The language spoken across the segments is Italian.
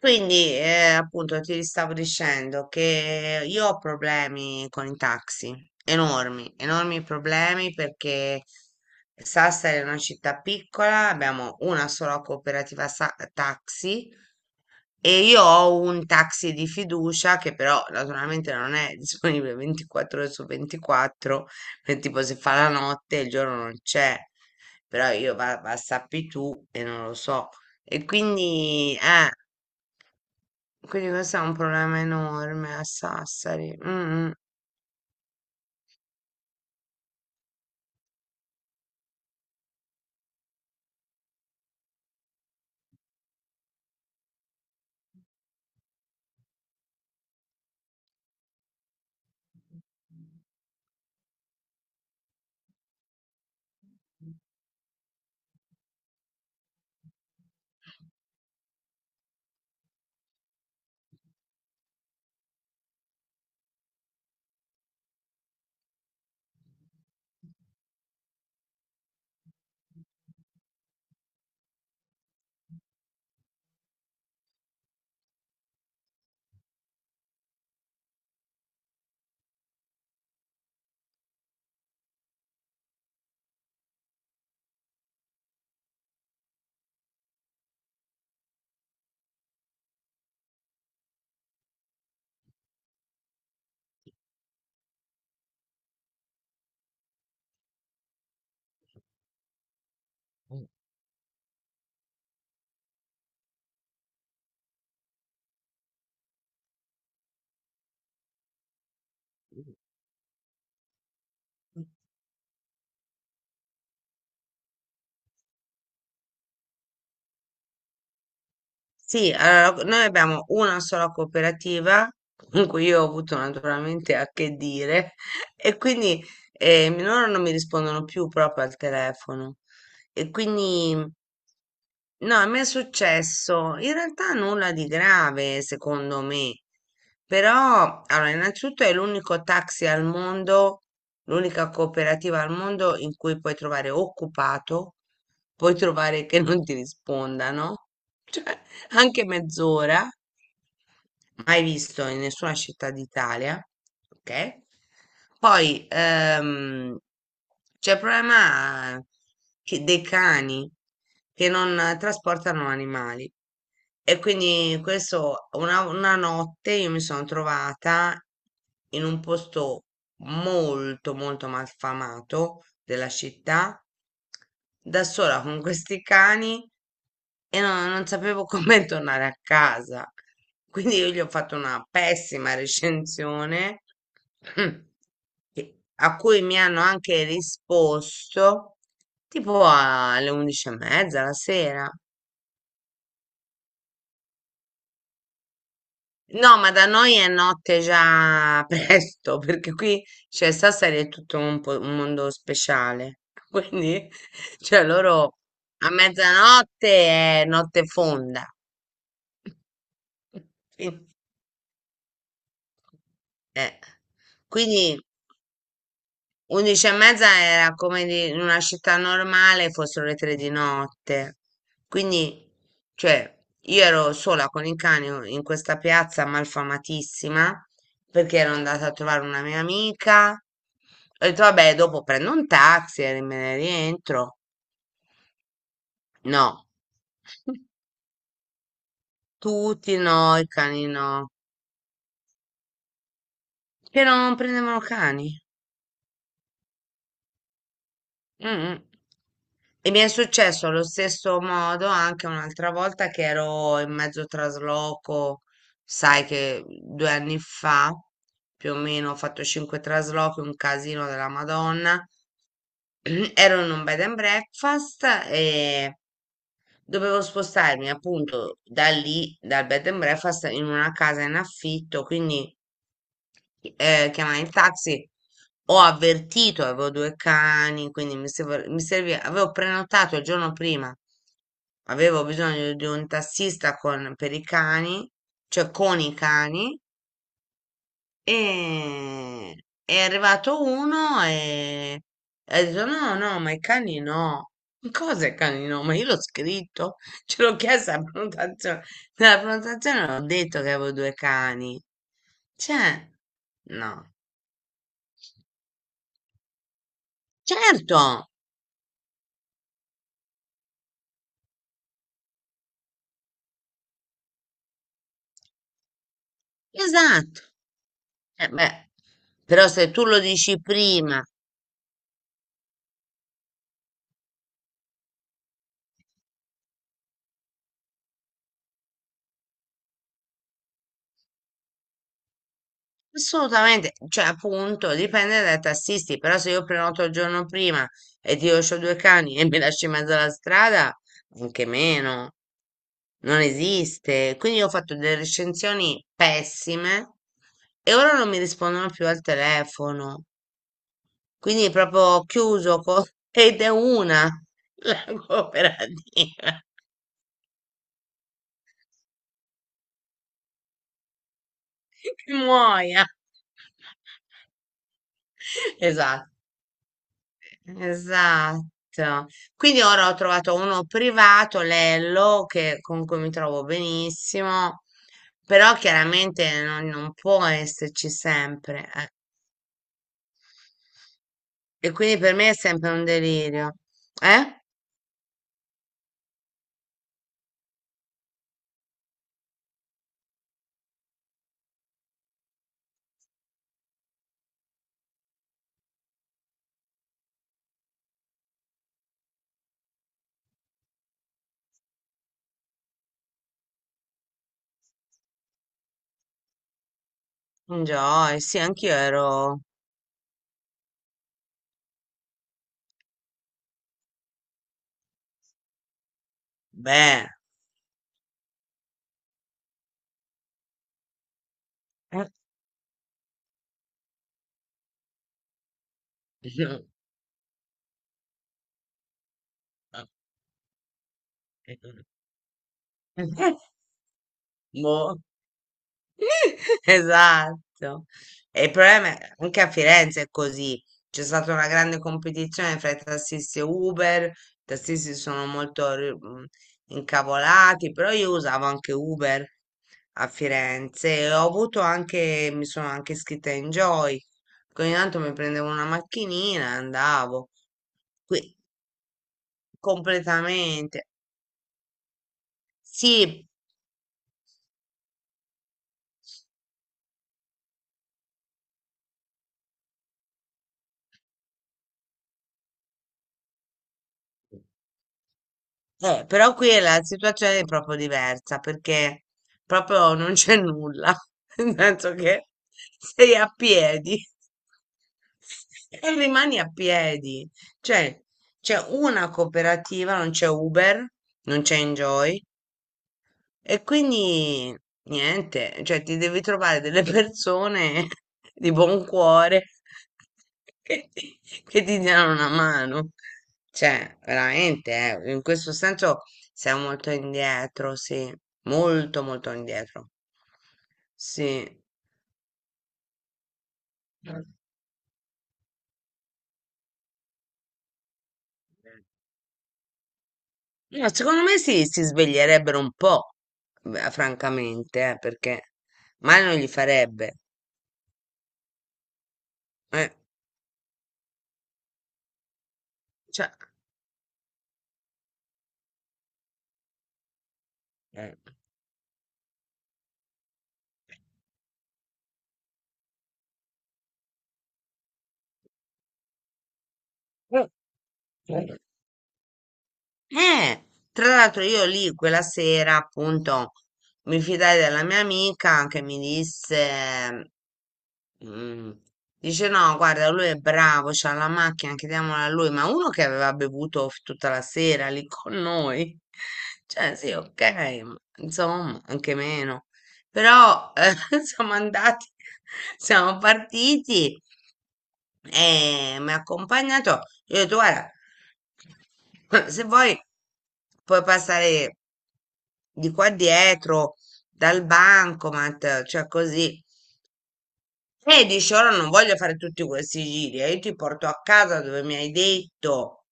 Quindi, appunto, ti stavo dicendo che io ho problemi con i taxi, enormi, enormi problemi perché Sassari è una città piccola, abbiamo una sola cooperativa taxi e io ho un taxi di fiducia che però naturalmente non è disponibile 24 ore su 24, perché tipo se fa la notte il giorno non c'è, però io va, va sappi tu e non lo so. E quindi, eh. Quindi questo è un problema enorme a Sassari. Mm, mm. Sì, allora, noi abbiamo una sola cooperativa con cui io ho avuto naturalmente a che dire e quindi loro non mi rispondono più proprio al telefono e quindi no, a me è successo in realtà nulla di grave secondo me, però allora innanzitutto è l'unico taxi al mondo, l'unica cooperativa al mondo in cui puoi trovare occupato, puoi trovare che non ti rispondano. Anche mezz'ora, mai visto in nessuna città d'Italia, ok? Poi c'è il problema dei cani che non trasportano animali. E quindi questo, una notte io mi sono trovata in un posto molto, molto malfamato della città da sola con questi cani e non sapevo come tornare a casa. Quindi io gli ho fatto una pessima recensione a cui mi hanno anche risposto tipo alle 11 e mezza la sera. No, ma da noi è notte già presto, perché qui, cioè, Sassari è tutto un mondo speciale. Quindi, cioè, loro a mezzanotte è notte fonda. Quindi, eh, quindi 11 e mezza era come in una città normale fossero le 3 di notte. Quindi, cioè, io ero sola con il cane in questa piazza malfamatissima perché ero andata a trovare una mia amica. Ho detto, vabbè, dopo prendo un taxi e me ne rientro. No, tutti no, i cani no. Che non prendevano cani. Mm. E mi è successo allo stesso modo anche un'altra volta che ero in mezzo trasloco, sai che 2 anni fa più o meno ho fatto cinque traslochi, un casino della Madonna. Ero in un bed and breakfast e dovevo spostarmi appunto da lì, dal bed and breakfast, in una casa in affitto, quindi chiamare il taxi. Ho avvertito, avevo due cani, quindi mi serviva, avevo prenotato il giorno prima, avevo bisogno di un tassista con, per i cani, cioè con i cani, e è arrivato uno e ha detto no, no, ma i cani no. "Ma cosa i cani no? Ma io l'ho scritto, ce l'ho chiesto alla prenotazione. Nella prenotazione ho detto che avevo due cani. Cioè, no. Certo, esatto. Eh beh, però se tu lo dici prima, assolutamente, cioè appunto, dipende dai tassisti, però se io prenoto il giorno prima e ti lascio due cani e mi lasci in mezzo alla strada, anche meno, non esiste. Quindi io ho fatto delle recensioni pessime e ora non mi rispondono più al telefono. Quindi proprio ho chiuso ed è una la cooperativa. Che muoia. Esatto, esatto. Quindi ora ho trovato uno privato, Lello, con cui mi trovo benissimo, però chiaramente non può esserci sempre. E quindi per me è sempre un delirio. Eh? Un joy, sì, anch'io ero... Beh. eh. Boh. Esatto. E il problema è anche a Firenze è così. C'è stata una grande competizione fra i tassisti e Uber. I tassisti sono molto incavolati, però io usavo anche Uber a Firenze e ho avuto anche, mi sono anche iscritta in Joy. Ogni tanto mi prendevo una macchinina e andavo qui completamente. Sì, però qui è la situazione è proprio diversa perché proprio non c'è nulla, nel senso che sei a piedi e rimani a piedi. Cioè, c'è una cooperativa, non c'è Uber, non c'è Enjoy, e quindi niente, cioè ti devi trovare delle persone di buon cuore che ti, che ti diano una mano. Cioè, veramente, in questo senso siamo molto indietro, sì, molto molto indietro. Sì. No, secondo me sì, si sveglierebbero un po', beh, francamente, perché male non gli farebbe. eh, cioè. eh. Eh, Tra l'altro io lì quella sera appunto mi fidai della mia amica che mi disse, mm, dice no, guarda, lui è bravo, c'ha la macchina, chiediamola a lui, ma uno che aveva bevuto tutta la sera lì con noi, cioè sì, ok, ma insomma, anche meno, però siamo andati, siamo partiti e mi ha accompagnato. Io ho detto, guarda, se vuoi puoi passare di qua dietro dal bancomat, cioè così e dici, ora non voglio fare tutti questi giri, io ti porto a casa dove mi hai detto,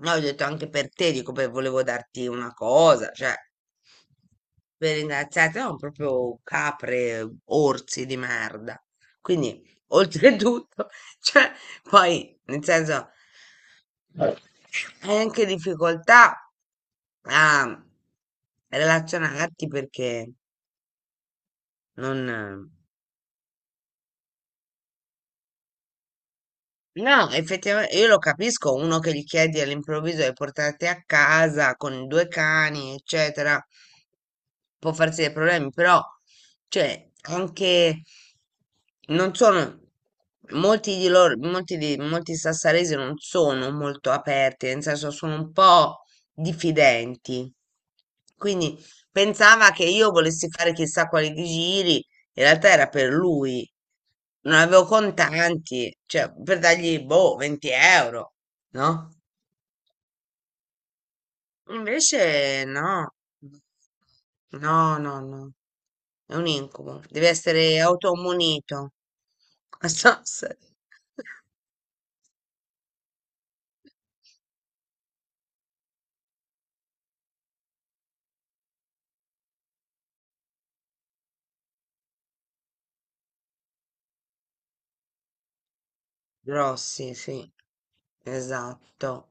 no, ho detto anche per te, dico, beh, volevo darti una cosa, cioè, per ringraziarti, no, proprio capre, orsi di merda. Quindi, oltretutto, cioè, poi, nel senso, hai anche difficoltà a relazionarti perché non... No, effettivamente io lo capisco, uno che gli chiedi all'improvviso di portarti a casa con i due cani, eccetera, può farsi dei problemi, però, cioè, anche non sono molti di loro, molti di molti sassaresi non sono molto aperti, nel senso sono un po' diffidenti. Quindi pensava che io volessi fare chissà quali giri in realtà era per lui, non avevo contanti, cioè per dargli, boh, 20 euro, no? Invece no, no, no, no, è un incubo, deve essere automunito. So se- Grossi, sì, esatto.